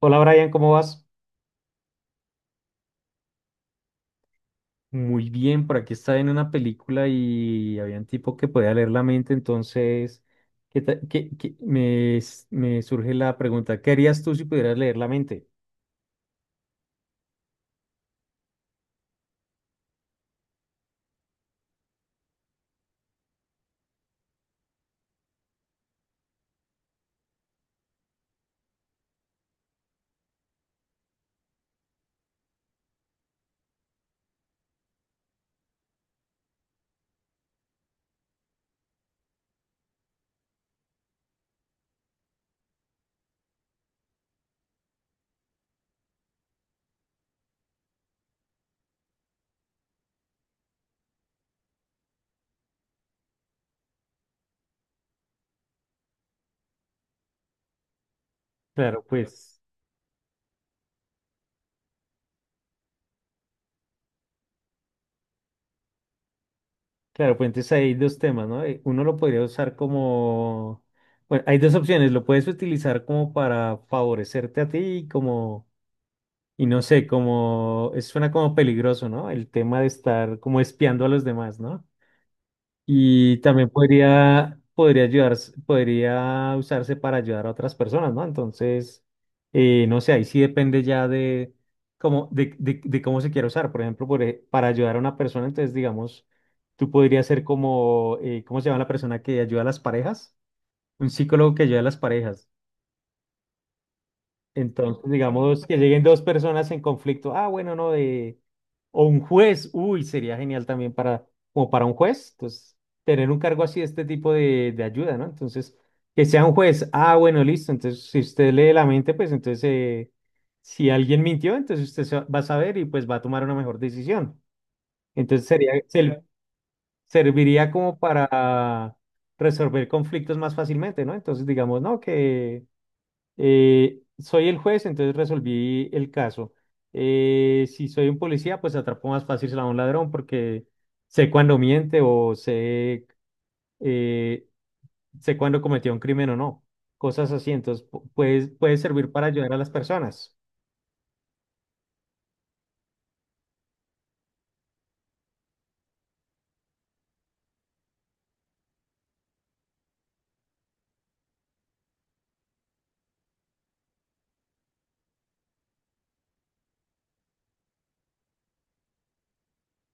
Hola Brian, ¿cómo vas? Muy bien, por aquí estaba en una película y había un tipo que podía leer la mente, entonces ¿qué ta- qué- qué- me, s- me surge la pregunta, ¿qué harías tú si pudieras leer la mente? Claro, pues, claro, pues entonces hay dos temas, ¿no? Uno lo podría usar bueno, hay dos opciones, lo puedes utilizar como para favorecerte a ti y no sé, como, eso suena como peligroso, ¿no? El tema de estar como espiando a los demás, ¿no? Y también podría ayudar, podría usarse para ayudar a otras personas, ¿no? Entonces, no sé, ahí sí depende ya de de cómo se quiera usar. Por ejemplo, para ayudar a una persona, entonces, digamos, tú podrías ser como, ¿cómo se llama la persona que ayuda a las parejas? Un psicólogo que ayuda a las parejas. Entonces, digamos que lleguen dos personas en conflicto. Ah, bueno, no, de... O un juez. Uy, sería genial también para, como para un juez. Entonces, tener un cargo así, este tipo de ayuda, ¿no? Entonces, que sea un juez. Ah, bueno, listo. Entonces, si usted lee la mente, pues entonces, si alguien mintió, entonces usted se va a saber y pues va a tomar una mejor decisión. Entonces, serviría como para resolver conflictos más fácilmente, ¿no? Entonces, digamos, ¿no? Que... soy el juez, entonces resolví el caso. Si soy un policía, pues atrapo más fácil a un ladrón porque sé cuándo miente o sé, eh, sé cuándo cometió un crimen o no. Cosas así, entonces puede servir para ayudar a las personas.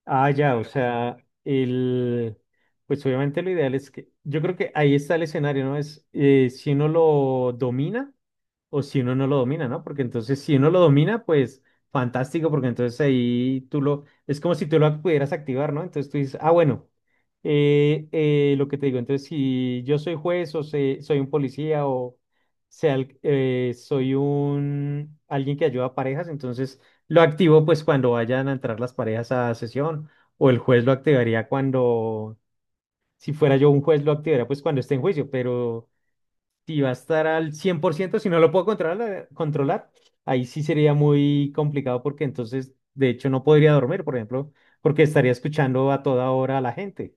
Ah, ya, o sea, el, pues obviamente lo ideal es que, yo creo que ahí está el escenario, ¿no? Es si uno lo domina. O si uno no lo domina, ¿no? Porque entonces si uno lo domina, pues fantástico, porque entonces ahí tú lo... Es como si tú lo pudieras activar, ¿no? Entonces tú dices, ah, bueno, lo que te digo, entonces si yo soy juez soy un policía o sea, soy un... alguien que ayuda a parejas, entonces lo activo pues cuando vayan a entrar las parejas a sesión o el juez lo activaría cuando... Si fuera yo un juez lo activaría pues cuando esté en juicio, pero... Si va a estar al 100% si no lo puedo controlar, controlar, ahí sí sería muy complicado porque entonces, de hecho, no podría dormir, por ejemplo, porque estaría escuchando a toda hora a la gente.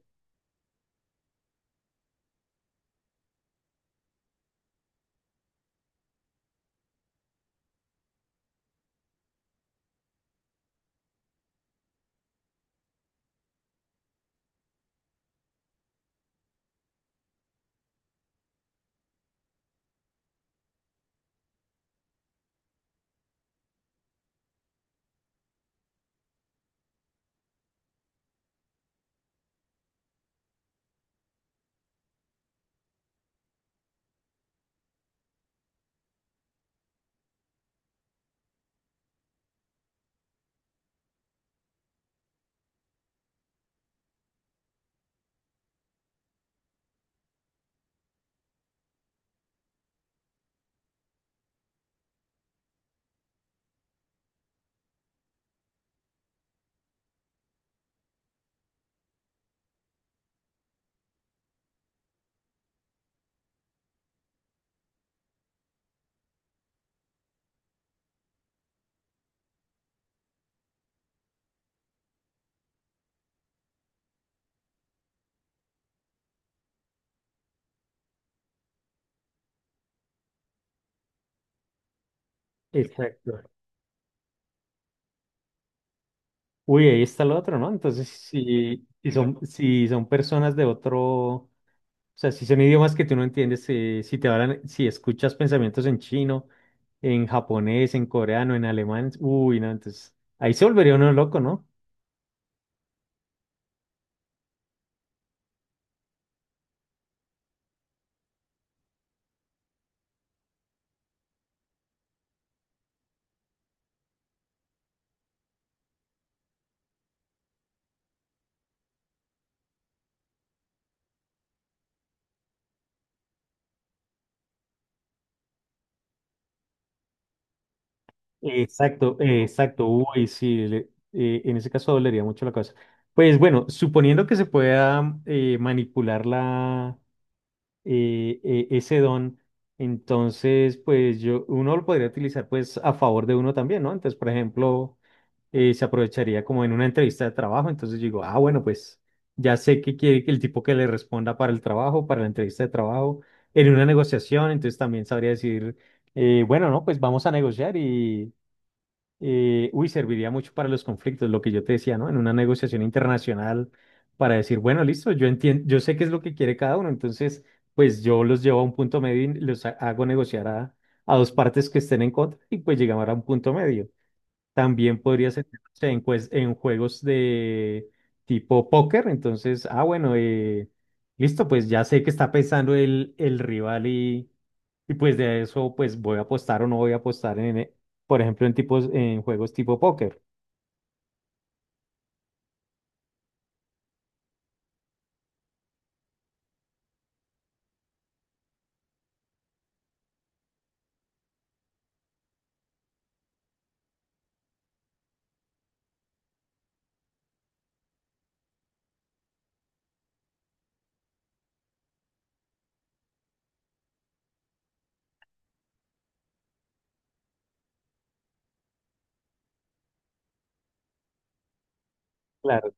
Exacto. Uy, ahí está lo otro, ¿no? Entonces, si son personas de otro, o sea, si son idiomas que tú no entiendes, si te hablan, si escuchas pensamientos en chino, en japonés, en coreano, en alemán, uy, no, entonces, ahí se volvería uno loco, ¿no? Exacto, exacto. En ese caso dolería mucho la cabeza. Pues bueno, suponiendo que se pueda manipular ese don, entonces pues yo, uno lo podría utilizar pues a favor de uno también, ¿no? Entonces, por ejemplo, se aprovecharía como en una entrevista de trabajo, entonces yo digo, ah, bueno, pues ya sé que quiere que el tipo que le responda para el trabajo, para la entrevista de trabajo, en una negociación, entonces también sabría decir, bueno, no, pues vamos a negociar y uy, serviría mucho para los conflictos, lo que yo te decía, ¿no? En una negociación internacional para decir, bueno, listo, yo entiendo, yo sé qué es lo que quiere cada uno, entonces, pues yo los llevo a un punto medio y hago negociar a dos partes que estén en contra y pues llegamos a un punto medio. También podría ser en, pues, en juegos de tipo póker. Entonces, ah, bueno, listo, pues ya sé que está pensando el rival y pues de eso, pues voy a apostar o no voy a apostar en, por ejemplo, en tipos, en juegos tipo póker. Claro.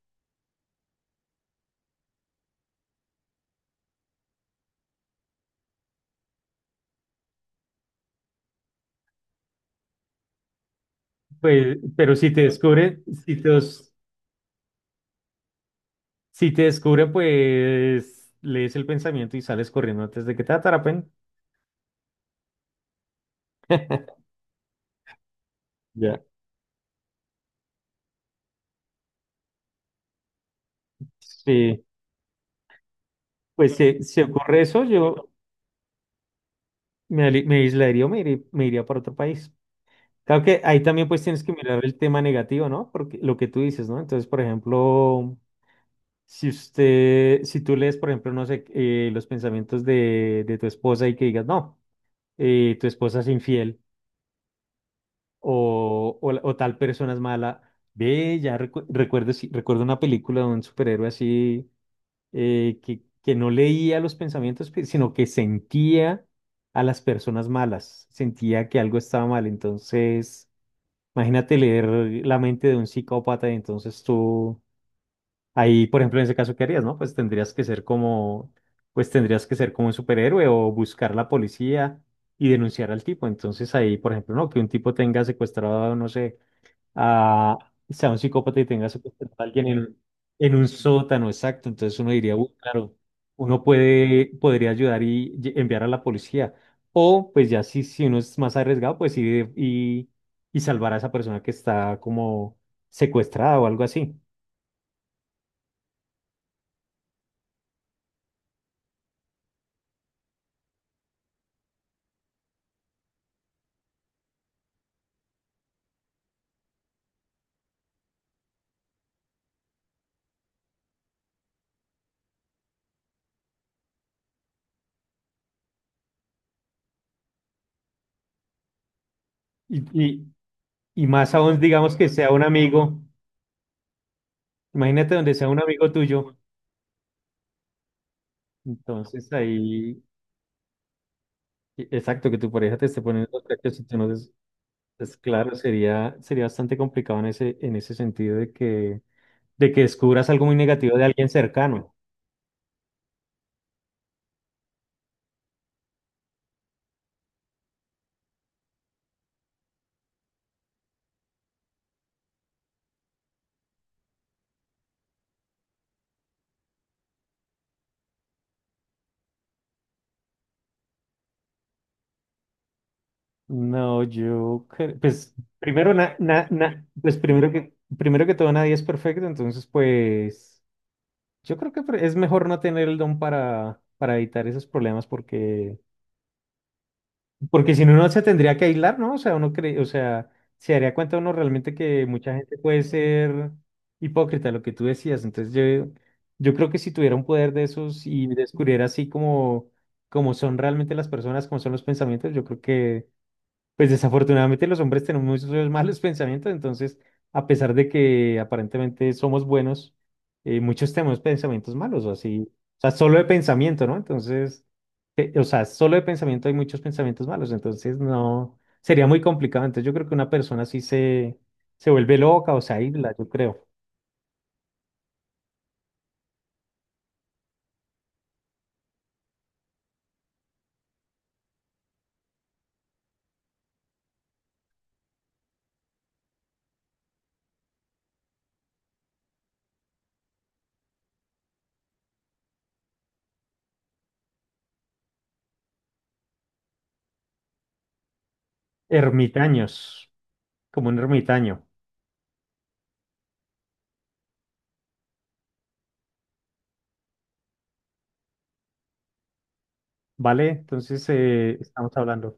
Pues, pero si te descubren, si te descubren, pues lees el pensamiento y sales corriendo antes de que te atrapen. Ya. Sí, pues se ocurre eso, yo, me aislaría o me iría para otro país. Claro que ahí también pues tienes que mirar el tema negativo, ¿no? Porque lo que tú dices, ¿no? Entonces, por ejemplo, si usted, si tú lees, por ejemplo, no sé, los pensamientos de tu esposa y que digas, no, tu esposa es infiel o tal persona es mala, ve, recuerdo, sí, recuerdo una película de un superhéroe así que no leía los pensamientos, sino que sentía a las personas malas, sentía que algo estaba mal. Entonces, imagínate leer la mente de un psicópata y entonces tú, ahí, por ejemplo, en ese caso, ¿qué harías, no? Pues tendrías que ser como, pues tendrías que ser como un superhéroe o buscar la policía y denunciar al tipo. Entonces ahí, por ejemplo, no, que un tipo tenga secuestrado, no sé a, sea un psicópata y tenga secuestrado a alguien en, en un sótano, exacto. Entonces uno diría, "Uy, claro, podría ayudar y enviar a la policía. O pues ya si, si uno es más arriesgado, pues ir y salvar a esa persona que está como secuestrada o algo así. Y, y, y más aún, digamos que sea un amigo, imagínate donde sea un amigo tuyo. Entonces ahí, exacto, que tu pareja te esté poniendo los cachos y tú no. Pues claro, sería bastante complicado en ese sentido de que descubras algo muy negativo de alguien cercano. No, yo, cre- pues primero, pues primero que todo nadie es perfecto, entonces pues yo creo que es mejor no tener el don para evitar esos problemas porque... Porque si no, uno se tendría que aislar, ¿no? O sea, uno cree, o sea, se daría cuenta uno realmente que mucha gente puede ser hipócrita, lo que tú decías. Entonces yo creo que si tuviera un poder de esos y descubriera así como, como son realmente las personas, como son los pensamientos, yo creo que pues desafortunadamente los hombres tenemos muchos malos pensamientos, entonces a pesar de que aparentemente somos buenos, muchos tenemos pensamientos malos, o así, o sea, solo de pensamiento, ¿no? Entonces, o sea, solo de pensamiento hay muchos pensamientos malos, entonces no, sería muy complicado. Entonces yo creo que una persona así se vuelve loca o se aísla, yo creo. Ermitaños, como un ermitaño, ¿vale? Entonces estamos hablando.